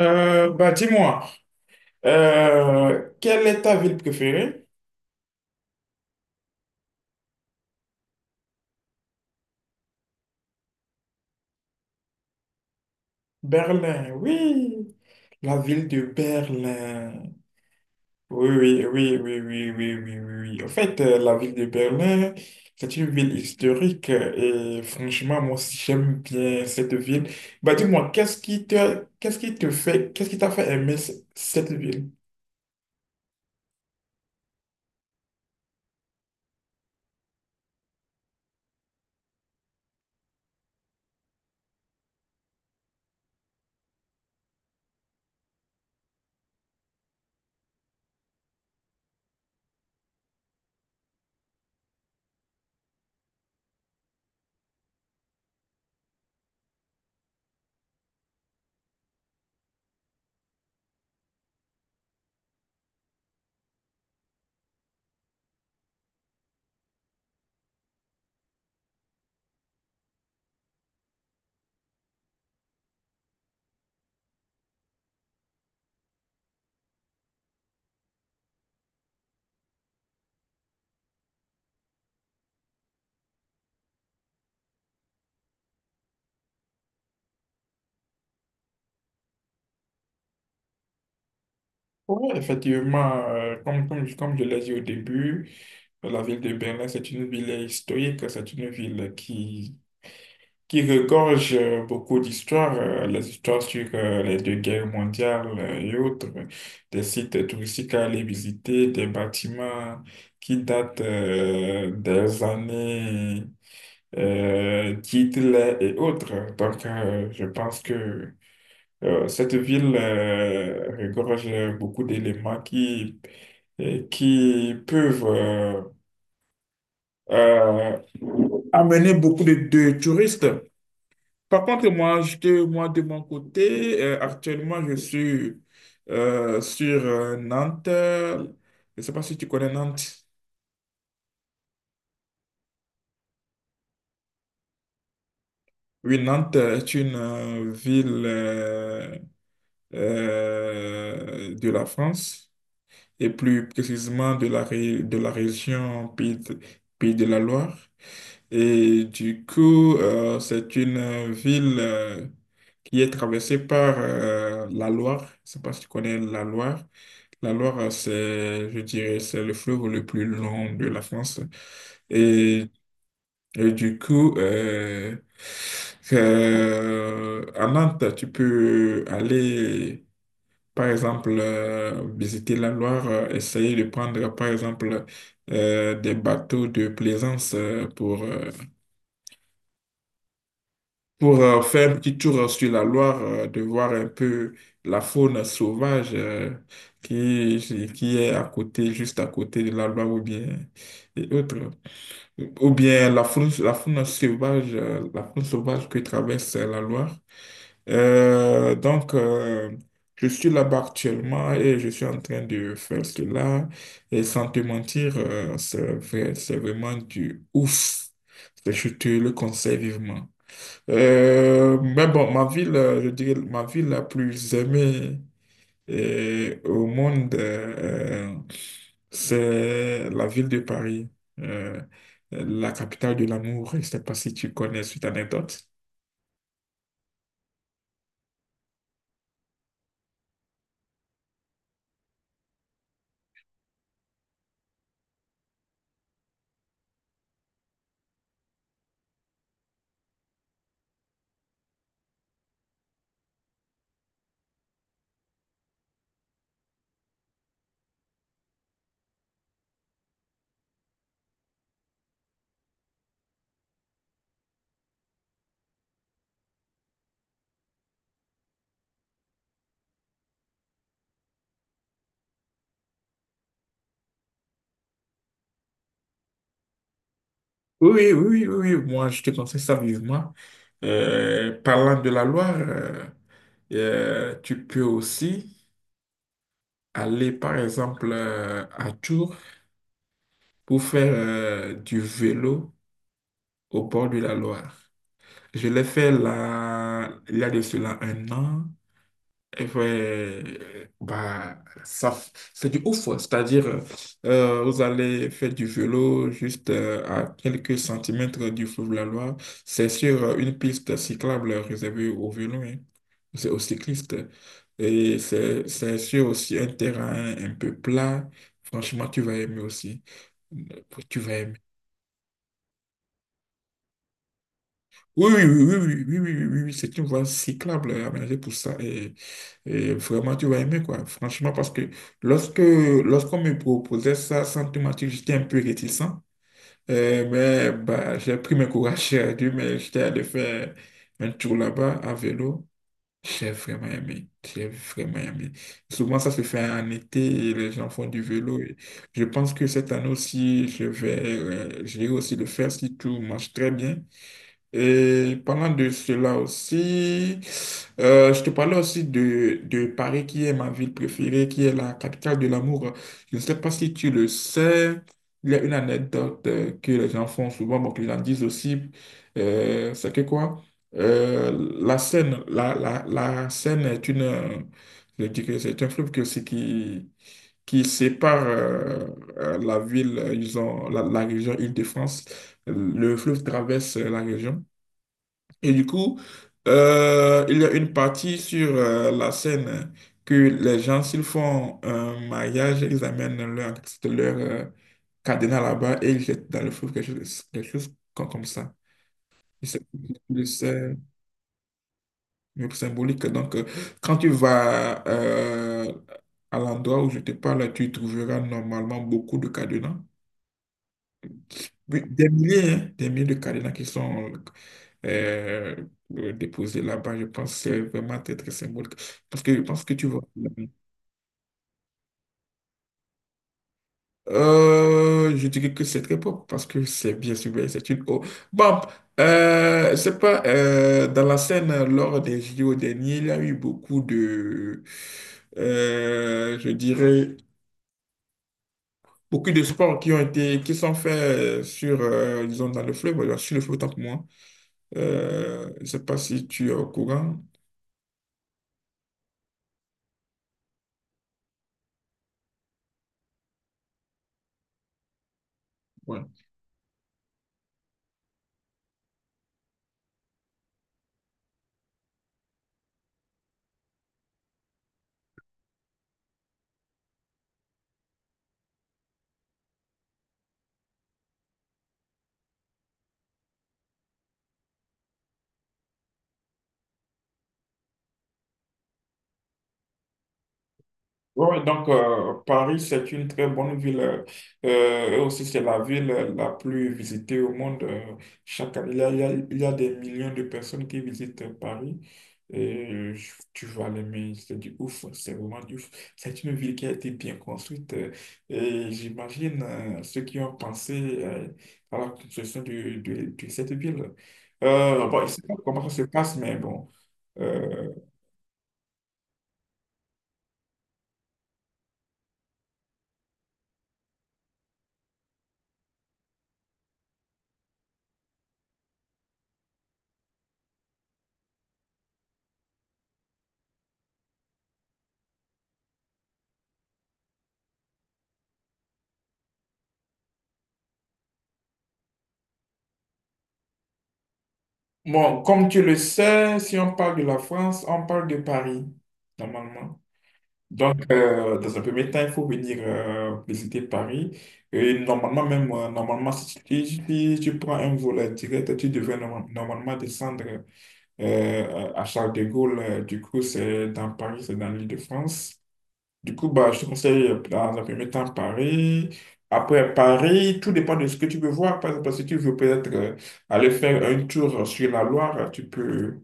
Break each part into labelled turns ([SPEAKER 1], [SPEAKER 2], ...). [SPEAKER 1] Bah dis-moi, quelle est ta ville préférée? Berlin, oui, la ville de Berlin. Oui, oui, oui, oui, oui, oui, oui, oui, oui. En fait, la ville de Berlin, c'est une ville historique, et franchement, moi aussi, j'aime bien cette ville. Bah dis-moi, qu'est-ce qui t'a fait aimer cette ville? Oui, effectivement, comme je l'ai dit au début, la ville de Berlin, c'est une ville historique, c'est une ville qui regorge beaucoup d'histoires, les histoires sur les deux guerres mondiales et autres, des sites touristiques à aller visiter, des bâtiments qui datent des années d'Hitler et autres. Donc, je pense que cette ville regorge beaucoup d'éléments et qui peuvent euh, amener beaucoup de touristes. Par contre, moi de mon côté, actuellement, je suis sur Nantes. Je ne sais pas si tu connais Nantes. Oui, Nantes est une ville de la France et plus précisément de de la région Pays Pays de la Loire. Et du coup, c'est une ville qui est traversée par la Loire. Je ne sais pas si tu connais la Loire. La Loire, c'est, je dirais, c'est le fleuve le plus long de la France. Et, et du coup, à Nantes, tu peux aller, par exemple, visiter la Loire, essayer de prendre, par exemple, des bateaux de plaisance pour faire un petit tour sur la Loire, de voir un peu la faune sauvage qui, qui est à côté, juste à côté de la Loire ou bien et autres. Ou bien la faune sauvage que traverse la Loire. Donc, je suis là-bas actuellement et je suis en train de faire cela. Et sans te mentir, c'est vraiment du ouf. Je te le conseille vivement. Mais bon, je dirais, ma ville la plus aimée au monde, c'est la ville de Paris, euh, la capitale de l'amour. Je ne sais pas si tu connais cette anecdote. Oui, oui, oui, oui, oui, moi, je te conseille ça vivement. Parlant de la Loire, tu peux aussi aller, par exemple, à Tours pour faire du vélo au bord de la Loire. Je l'ai fait là, il y a de cela un an. Et ouais, bah, c'est du ouf. C'est-à-dire, vous allez faire du vélo juste à quelques centimètres du fleuve la Loire. C'est sur une piste cyclable réservée aux vélos, hein. C'est aux cyclistes. Et c'est sur aussi un terrain un peu plat. Franchement, tu vas aimer aussi. Tu vas aimer. Oui, oui, oui, oui, oui, oui, oui, oui, oui, c'est une voie cyclable aménagée pour ça. Et vraiment, tu vas aimer, quoi. Franchement, parce que lorsque lorsqu'on me proposait ça, sans te mentir, j'étais un peu réticent. Mais bah, j'ai pris mes courage à Dieu, mais j'étais allé faire un tour là-bas à vélo. J'ai vraiment aimé. J'ai vraiment aimé. Souvent, ça se fait en été et les gens font du vélo. Et je pense que cette année aussi, je vais aussi le faire si tout marche très bien. Et parlant de cela aussi, je te parlais aussi de Paris, qui est ma ville préférée, qui est la capitale de l'amour. Je ne sais pas si tu le sais, il y a une anecdote que les gens font souvent, bon, que les gens disent aussi, c'est que quoi? La Seine est une, je dirais, c'est un fleuve qui sépare la ville, ils ont la région Île-de-France. Le fleuve traverse la région. Et du coup, il y a une partie sur la scène que les gens, s'ils font un mariage, leur cadenas là-bas et ils jettent dans le feu quelque chose, comme ça. Et c'est symbolique. Donc, quand tu vas à l'endroit où je te parle, tu trouveras normalement beaucoup de cadenas. Oui, des milliers, hein, des milliers de cadenas qui sont euh, déposés là-bas. Je pense que c'est vraiment très, très symbolique. Parce que je pense que tu vois. Je dirais que c'est très propre parce que c'est bien sûr, c'est une eau. Bon, c'est pas dans la scène lors des JO derniers, il y a eu beaucoup de, je dirais, beaucoup de sports qui sont faits sur, disons, dans le fleuve, voilà sur le fleuve, tant que moi. Je ne sais pas si tu es au courant. Ouais. Oui, donc Paris, c'est une très bonne ville. Et aussi, c'est la ville la plus visitée au monde. Chaque année, il y a des millions de personnes qui visitent Paris. Et tu vas l'aimer, c'est du ouf, c'est vraiment du ouf. C'est une ville qui a été bien construite. Et j'imagine ceux qui ont pensé à la construction de, de cette ville. Bon, je ne sais pas comment ça se passe, mais bon. Euh, Bon, comme tu le sais, si on parle de la France, on parle de Paris, normalement. Donc, dans un premier temps, il faut venir visiter Paris. Et normalement, normalement, si tu, si tu prends un vol direct, tu devrais normalement descendre à Charles de Gaulle. Du coup, c'est dans Paris, c'est dans l'Île-de-France. Du coup, bah, je te conseille dans un premier temps Paris. Après Paris, tout dépend de ce que tu veux voir. Par exemple, si tu veux peut-être aller faire un tour sur la Loire, tu peux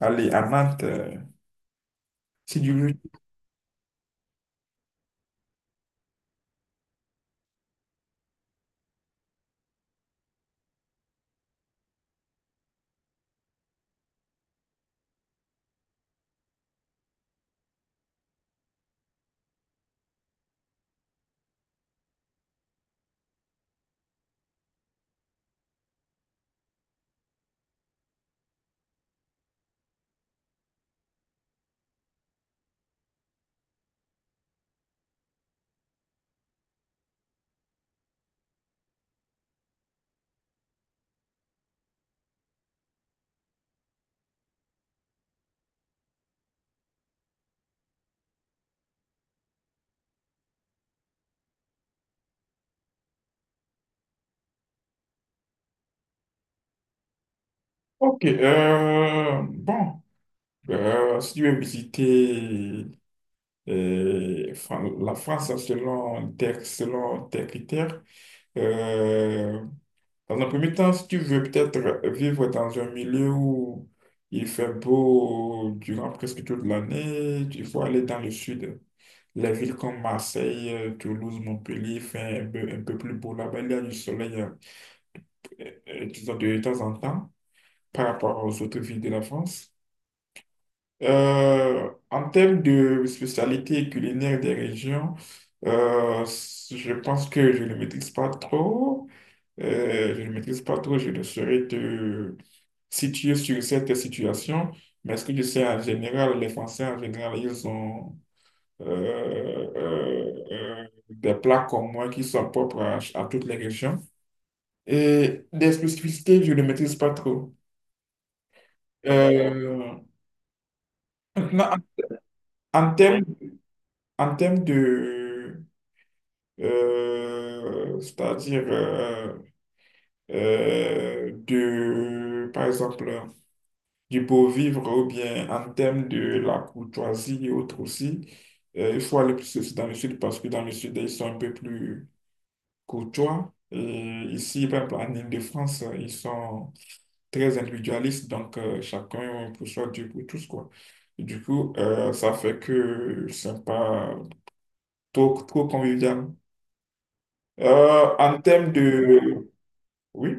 [SPEAKER 1] aller à Nantes. Si tu veux. Ok, bon, si tu veux visiter la France selon tes critères, euh, dans un premier temps, si tu veux peut-être vivre dans un milieu où il fait beau durant presque toute l'année, il faut aller dans le sud. Les villes comme Marseille, Toulouse, Montpellier, il fait un peu plus beau là-bas. Il y a du soleil, disons, de temps en temps par rapport aux autres villes de la France. En termes de spécialité culinaire des régions, je pense que je ne maîtrise pas trop. Je ne maîtrise pas trop, je ne saurais te situé sur cette situation, mais ce que je sais en général, les Français en général, ils ont euh, des plats comme moi qui sont propres à toutes les régions. Et des spécificités, je ne maîtrise pas trop. Euh, Maintenant, en termes, en termes de, c'est-à-dire de, par exemple, du beau vivre ou bien en termes de la courtoisie et autres aussi. Il faut aller plus aussi dans le sud parce que dans le sud, ils sont un peu plus courtois. Et ici, par exemple, en Île-de-France, ils sont très individualistes, donc chacun pour soi, Dieu pour tous, quoi. Et du coup, ça fait que c'est pas trop, trop convivial. En termes de... Oui.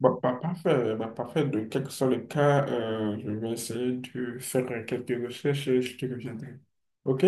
[SPEAKER 1] Bon, parfait, bah, parfait. De quel que soit le cas, je vais essayer de faire quelques recherches et je te reviendrai. OK?